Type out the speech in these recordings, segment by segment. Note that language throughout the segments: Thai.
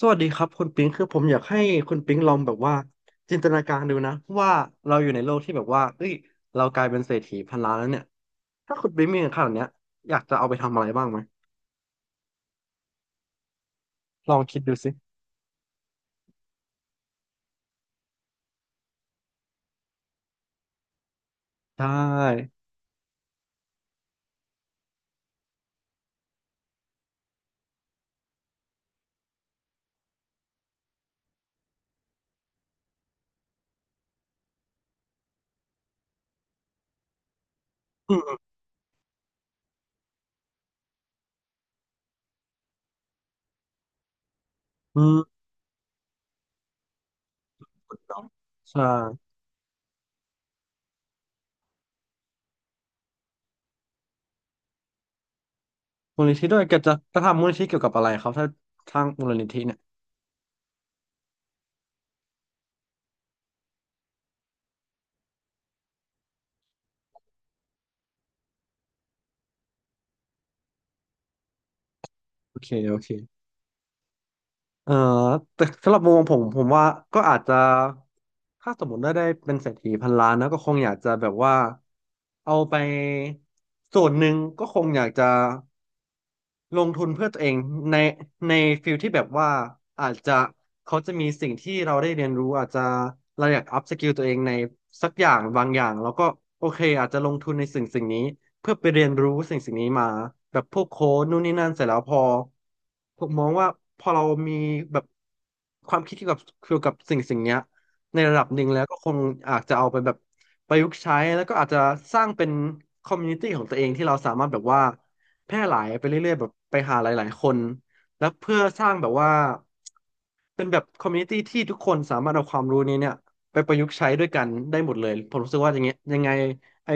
สวัสดีครับคุณปิงคือผมอยากให้คุณปิงลองแบบว่าจินตนาการดูนะว่าเราอยู่ในโลกที่แบบว่าเอ้ยเรากลายเป็นเศรษฐีพันล้านแล้วเนี่ยถ้าคุณปิงมีเงินขนาดเนี้ยอยากจะเอาไปทำอะไรบ้างไหมลองคิดดูสิได้อืมอืมใช่มูลนิธิด้วยแกจะทำมูลนิธิเกี่ยวกับอะไรครับถ้าทางมูลนิธิเนี่ยโอเคโอเค เออแต่สำหรับมุมมองผมผมว่าก็อาจจะถ้าสมมติได้เป็นเศรษฐีพันล้านนะก็คงอยากจะแบบว่าเอาไปส่วนหนึ่งก็คงอยากจะ ลงทุนเพื่อตัวเองในในฟิลที่แบบว่าอาจจะเขาจะมีสิ่งที่เราได้เรียนรู้อาจจะเราอยากอัพสกิลตัวเองในสักอย่างบางอย่างแล้วก็โอเคอาจจะลงทุนในสิ่งสิ่งนี้เพื่อไปเรียนรู้สิ่งสิ่งนี้มาแบบพวกโค้ดนู่นนี่นั่นเสร็จแล้วพอผมมองว่าพอเรามีแบบความคิดเกี่ยวกับสิ่งสิ่งเนี้ยในระดับหนึ่งแล้วก็คงอาจจะเอาไปแบบประยุกต์ใช้แล้วก็อาจจะสร้างเป็นคอมมูนิตี้ของตัวเองที่เราสามารถแบบว่า แพร่หลายไปเรื่อยๆแบบไปหาหลายๆคนแล้วเพื่อสร้างแบบว่าเป็นแบบคอมมูนิตี้ที่ทุกคนสามารถเอาความรู้นี้เนี่ยไปประยุกต์ใช้ด้วยกันได้หมดเลยผมรู้สึกว่าอย่างเงี้ยยังไงไอ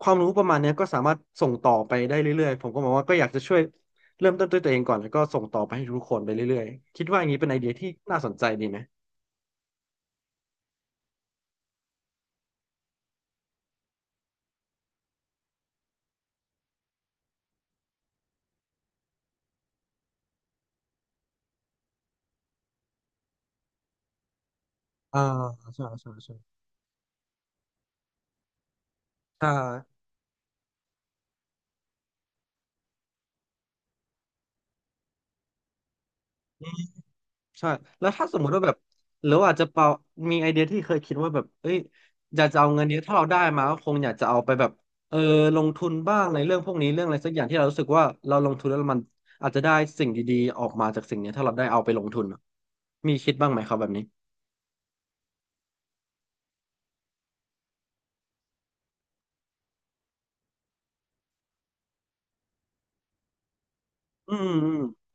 ความรู้ประมาณเนี้ยก็สามารถส่งต่อไปได้เรื่อยๆผมก็มองว่าก็อยากจะช่วยเริ่มต้นด้วยตัวเองก่อนแล้วก็ส่งต่อไปให้ทุกคนไปเรื่อยๆคิดว่าอย่างนี้เป็นไอเดียที่น่าสนใจดีไหมอ่าใช่ใช่ใช่ใช่ ใช่แล้วถ้าสมมติว่าแบบหรือว่าอาจจะเปามีไอเดียที่เคยคิดว่าแบบเอ้ยอยากจะเอาเงินเนี้ยถ้าเราได้มาก็คงอยากจะเอาไปแบบเออลงทุนบ้างในเรื่องพวกนี้เรื่องอะไรสักอย่างที่เรารู้สึกว่าเราลงทุนแล้วมันอาจจะได้สิ่งดีๆออกมาจากสิ่งเนี้ยถ้าเราได้เอาไปลงทุนอะมีคิดบ้างไหมครับแบบนี้อืม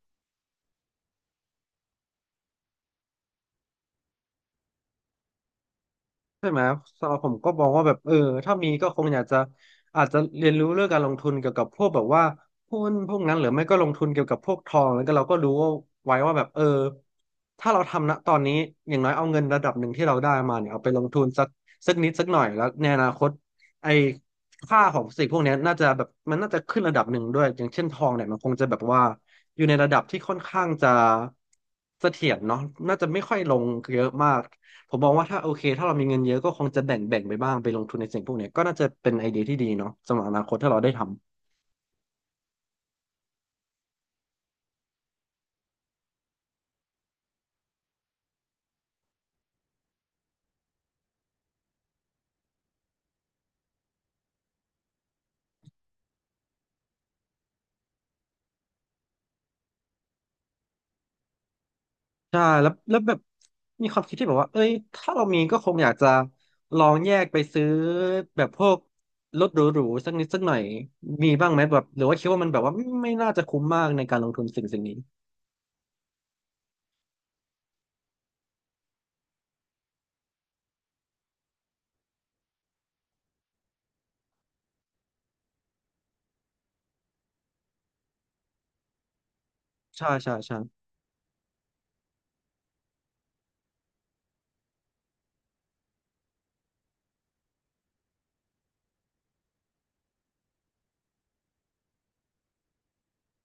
ใช่ไหมสำหรับผมก็มองว่าแบบเออถ้ามีก็คงอยากจะอาจจะเรียนรู้เรื่องการลงทุนเกี่ยวกับพวกแบบว่าหุ้นพวกนั้นหรือไม่ก็ลงทุนเกี่ยวกับพวกทองแล้วก็เราก็รู้ว่าไว้ว่าแบบเออถ้าเราทำณตอนนี้อย่างน้อยเอาเงินระดับหนึ่งที่เราได้มาเนี่ยเอาไปลงทุนสักสักนิดสักหน่อยแล้วในอนาคตไอ้ค่าของสิ่งพวกเนี้ยน่าจะแบบมันน่าจะขึ้นระดับหนึ่งด้วยอย่างเช่นทองเนี่ยมันคงจะแบบว่าอยู่ในระดับที่ค่อนข้างจะเสถียรเนาะน่าจะไม่ค่อยลงเยอะมาก ผมมองว่าถ้าโอเคถ้าเรามีเงินเยอะก็คงจะแบ่งไปบ้างไปลงทุนในสิ่งพวกเนี้ยก็น่าจะเป็นไอเดียที่ดีเนาะสำหรับอนาคตถ้าเราได้ทำใช่แล้วแบบมีความคิดที่แบบว่าเอ้ยถ้าเรามีก็คงอยากจะลองแยกไปซื้อแบบพวกรถหรูๆสักนิดสักหน่อยมีบ้างไหมแบบหรือว่าคิดว่ามันแบบว่าไม่น่าจะคุ้มมากในการลงทุนสิ่งสิ่งนี้ใช่ใช่ใช่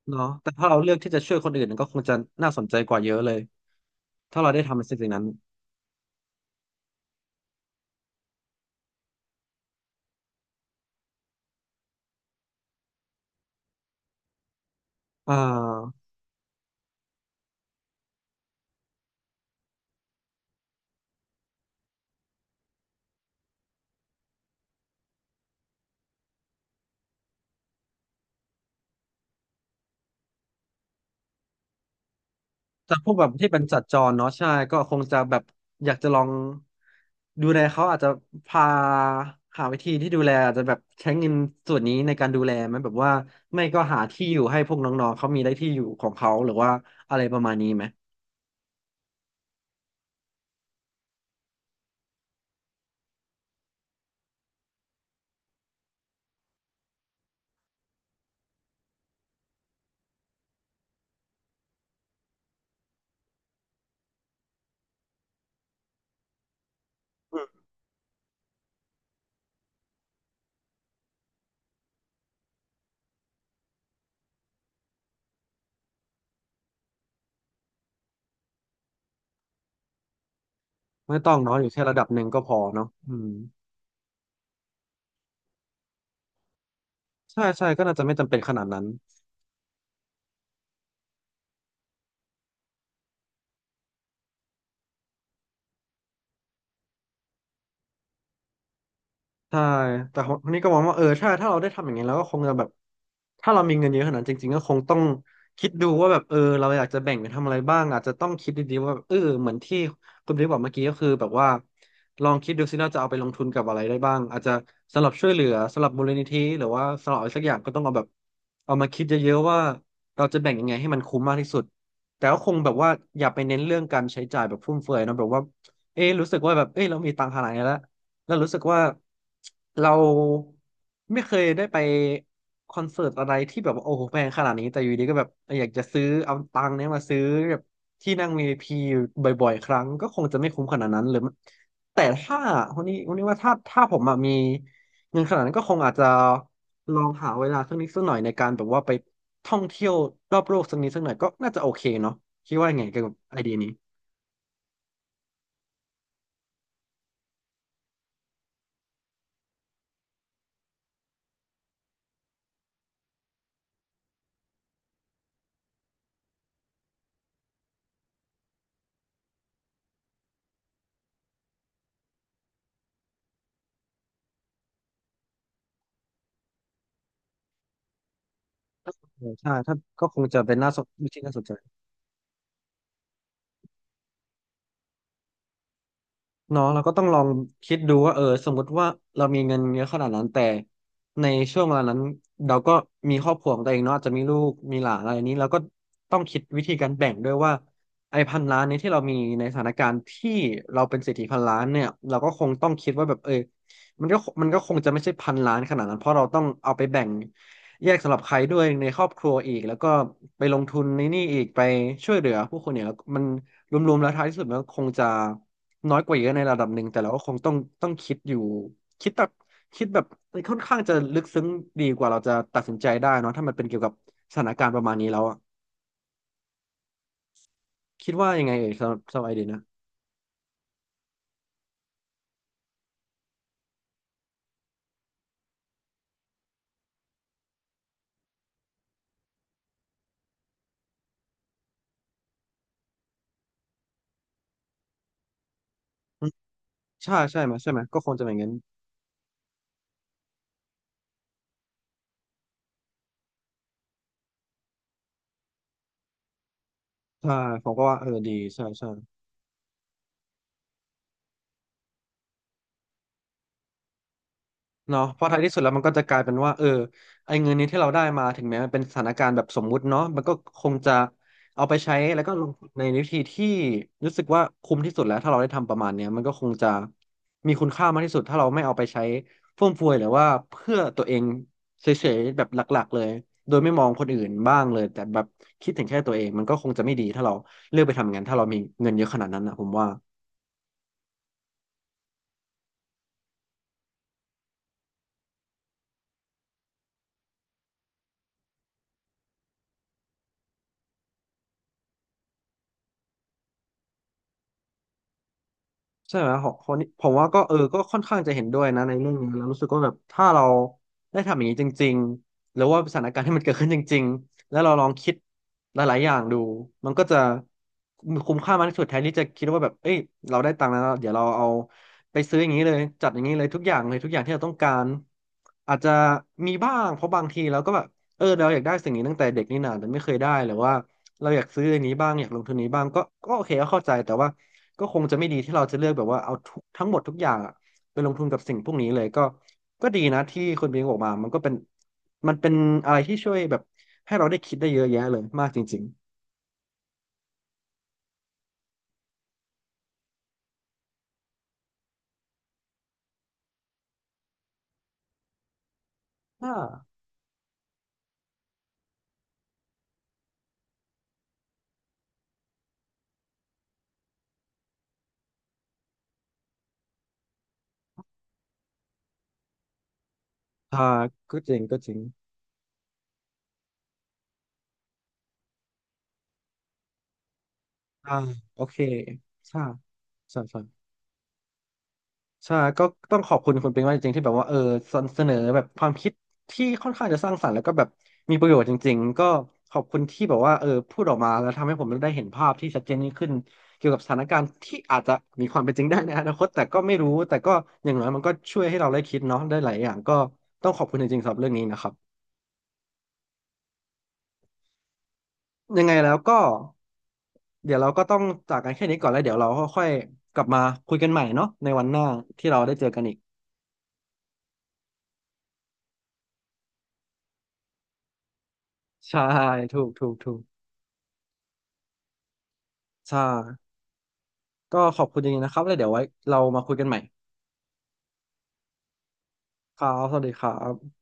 เนาะแต่ถ้าเราเลือกที่จะช่วยคนอื่นก็คงจะน่าสนใจกว่าเยอะเลยถ้าเราได้ทำในสิ่งๆนั้นอ่า แต่พวกแบบที่เป็นสัตว์จรเนาะใช่ก็คงจะแบบอยากจะลองดูแลเขาอาจจะพาหาวิธีที่ดูแลอาจจะแบบใช้เงินส่วนนี้ในการดูแลไหมแบบว่าไม่ก็หาที่อยู่ให้พวกน้องๆเขามีได้ที่อยู่ของเขาหรือว่าอะไรประมาณนี้ไหมไม่ต้องเนาะอยู่แค่ระดับหนึ่งก็พอเนาะอืมใช่ใช่ก็น่าจะไม่จำเป็นขนาดนั้น ใช่แต่คนนี้ก็มองว่าเออใช่ถ้าเราได้ทำอย่างนี้เราก็คงจะแบบถ้าเรามีเงินเยอะขนาดนั้นจริงๆก็คงต้องคิดดูว่าแบบเออเราอยากจะแบ่งไปทำอะไรบ้างอาจจะต้องคิดดีๆว่าเออเหมือนที่คุณบิ๊กบอกเมื่อกี้ก็คือแบบว่าลองคิดดูซิเราจะเอาไปลงทุนกับอะไรได้บ้างอาจจะสำหรับช่วยเหลือสำหรับมูลนิธิหรือว่าสำหรับอะไรสักอย่างก็ต้องเอาแบบเอามาคิดเยอะๆว่าเราจะแบ่งยังไงให้มันคุ้มมากที่สุดแต่ก็คงแบบว่าอย่าไปเน้นเรื่องการใช้จ่ายแบบฟุ่มเฟือยเนอะแบบว่าเอ๊ะรู้สึกว่าแบบเอ๊ะเรามีตังค์ขนาดนี้แล้ว แล้วรู้สึกว่าเราไม่เคยได้ไปคอนเสิร์ตอะไรที่แบบว่าโอ้โหแพงขนาดนี้แต่อยู่ดีก็แบบอยากจะซื้อเอาตังค์เนี้ยมาซื้อแบบที่นั่งVIP อยู่บ่อยๆครั้งก็คงจะไม่คุ้มขนาดนั้นหรือมันแต่ถ้าวันนี้ว่าถ้าผมอะมีเงินขนาดนั้นก็คงอาจจะลองหาเวลาสักนิดสักหน่อยในการแบบว่าไปท่องเที่ยวรอบโลกสักนิดสักหน่อยก็น่าจะโอเคเนาะคิดว่าไงเกี่ยวกับไอเดียนี้ใช่ถ้าก็คงจะเป็นน่าสนที่น่าสนใจ เนาะเราก็ต้องลองคิดดูว่าเออสมมุติว่าเรามีเงินเยอะขนาดนั้นแต่ในช่วงเวลานั้นเราก็มีครอบครัวของตัวเองเนาะอาจจะมีลูกมีหลานอะไรนี้เราก็ต้องคิดวิธีการแบ่งด้วยว่าไอ้พันล้านนี้ที่เรามีในสถานการณ์ที่เราเป็นเศรษฐีพันล้านเนี่ยเราก็คงต้องคิดว่าแบบเออมันก็คงจะไม่ใช่พันล้านขนาดนั้นเพราะเราต้องเอาไปแบ่งแยกสำหรับใครด้วยในครอบครัวอีกแล้วก็ไปลงทุนในนี่อีกไปช่วยเหลือผู้คนเนี่ยมันรวมๆแล้วท้ายที่สุดมันก็คงจะ น้อยกว่าเยอะในระดับหนึ่งแต่เราก็คงต้องคิดอยู่คิดแบบคิดแบบค่อนข้างจะลึกซึ้งดีกว่าเราจะตัดสินใจได้เนอะถ้ามันเป็นเกี่ยวกับสถานการณ์ประมาณนี้แล้วอะคิดว่ายังไงเอ่ยสำหรับไอเดียนะอืมใช่ไหมก็คงจะเป็นอย่างนั้นใช่ผมก็ว่าเออดีใช่ใช่ เนาะเพราะท้ายที่สุดแล้วมันก็จะกลายเป็นว่าเออไอ้เงินนี้ที่เราได้มาถึงแม้มันเป็นสถานการณ์แบบสมมุติเนาะมันก็คงจะเอาไปใช้แล้วก็ลงทุนในวิธีที่รู้สึกว่าคุ้มที่สุดแล้วถ้าเราได้ทำประมาณเนี้ยมันก็คงจะมีคุณค่ามากที่สุดถ้าเราไม่เอาไปใช้ฟุ่มเฟือยหรือว่าเพื่อตัวเองเฉยๆแบบหลักๆเลยโดยไม่มองคนอื่นบ้างเลยแต่แบบคิดถึงแค่ตัวเองมันก็คงจะไม่ดีถ้าเราเลือกไปทำงานถ้าเรามีเงินเยอะขนาดนั้นนะผมว่า ใช่ไหมของคนนี้ผมว่าก็เออก็ค่อนข้างจะเห็นด้วยนะในเรื่องนี้แล้วรู้สึกว่าแบบถ้าเราได้ทำอย่างนี้จริงๆหรือว่าสถานการณ์ที่มันเกิดขึ้นจริงๆแล้วเราลองคิดหลายๆอย่างดูมันก็จะคุ้มค่ามากที่สุดแทนที่จะคิดว่าแบบเอ้ยเราได้ตังค์แล้วเดี๋ยวเราเอาไปซื้ออย่างนี้เลยจัดอย่างนี้เลยทุกอย่างเลยทุกอย่างที่เราต้องการอาจจะมีบ้างเพราะบางทีเราก็แบบเออเราอยากได้สิ่งนี้ตั้งแต่เด็กนี่นาแต่ไม่เคยได้หรือว่าเราอยากซื้ออันนี้บ้างอยากลงทุนนี้บ้างก็ก็โอเคก็เข้าใจแต่ว่า ก็คงจะไม่ดีที่เราจะเลือกแบบว่าเอาทุกทั้งหมดทุกอย่างอะไปลงทุนกับสิ่งพวกนี้เลยก็ก็ดีนะที่คุณบิงบอกมามันเป็นอะไรที่ช่วยแบบให้เราได้คิดได้เยอะแยะเลยมากจริงๆอ่าก็จริงอ่าโอเคใช่ใช่ ใช่ก็ต้องขอบคุณคุณเปิงมากจริงๆที่แบบว่าเออเสนอแบบความคิดที่ค่อนข้างจะสร้างสรรค์แล้วก็แบบมีประโยชน์จริงๆก็ขอบคุณที่แบบว่าเออพูดออกมาแล้วทำให้ผมได้เห็นภาพที่ชัดเจนยิ่งขึ้นเกี่ยวกับสถานการณ์ที่อาจจะมีความเป็นจริงได้ในอนาคตแต่ก็ไม่รู้แต่ก็อย่างน้อยมันก็ช่วยให้เราได้คิดเนาะได้หลายอย่างก็ต้องขอบคุณจริงๆสำหรับเรื่องนี้นะครับยังไงแล้วก็เดี๋ยวเราก็ต้องจากกันแค่นี้ก่อนแล้วเดี๋ยวเราค่อยๆกลับมาคุยกันใหม่เนาะในวันหน้าที่เราได้เจอกันอีกใช่ถูกใช่ ก็ขอบคุณจริงๆนะครับแล้วเดี๋ยวไว้เรามาคุยกันใหม่ครับสวัสดีครับ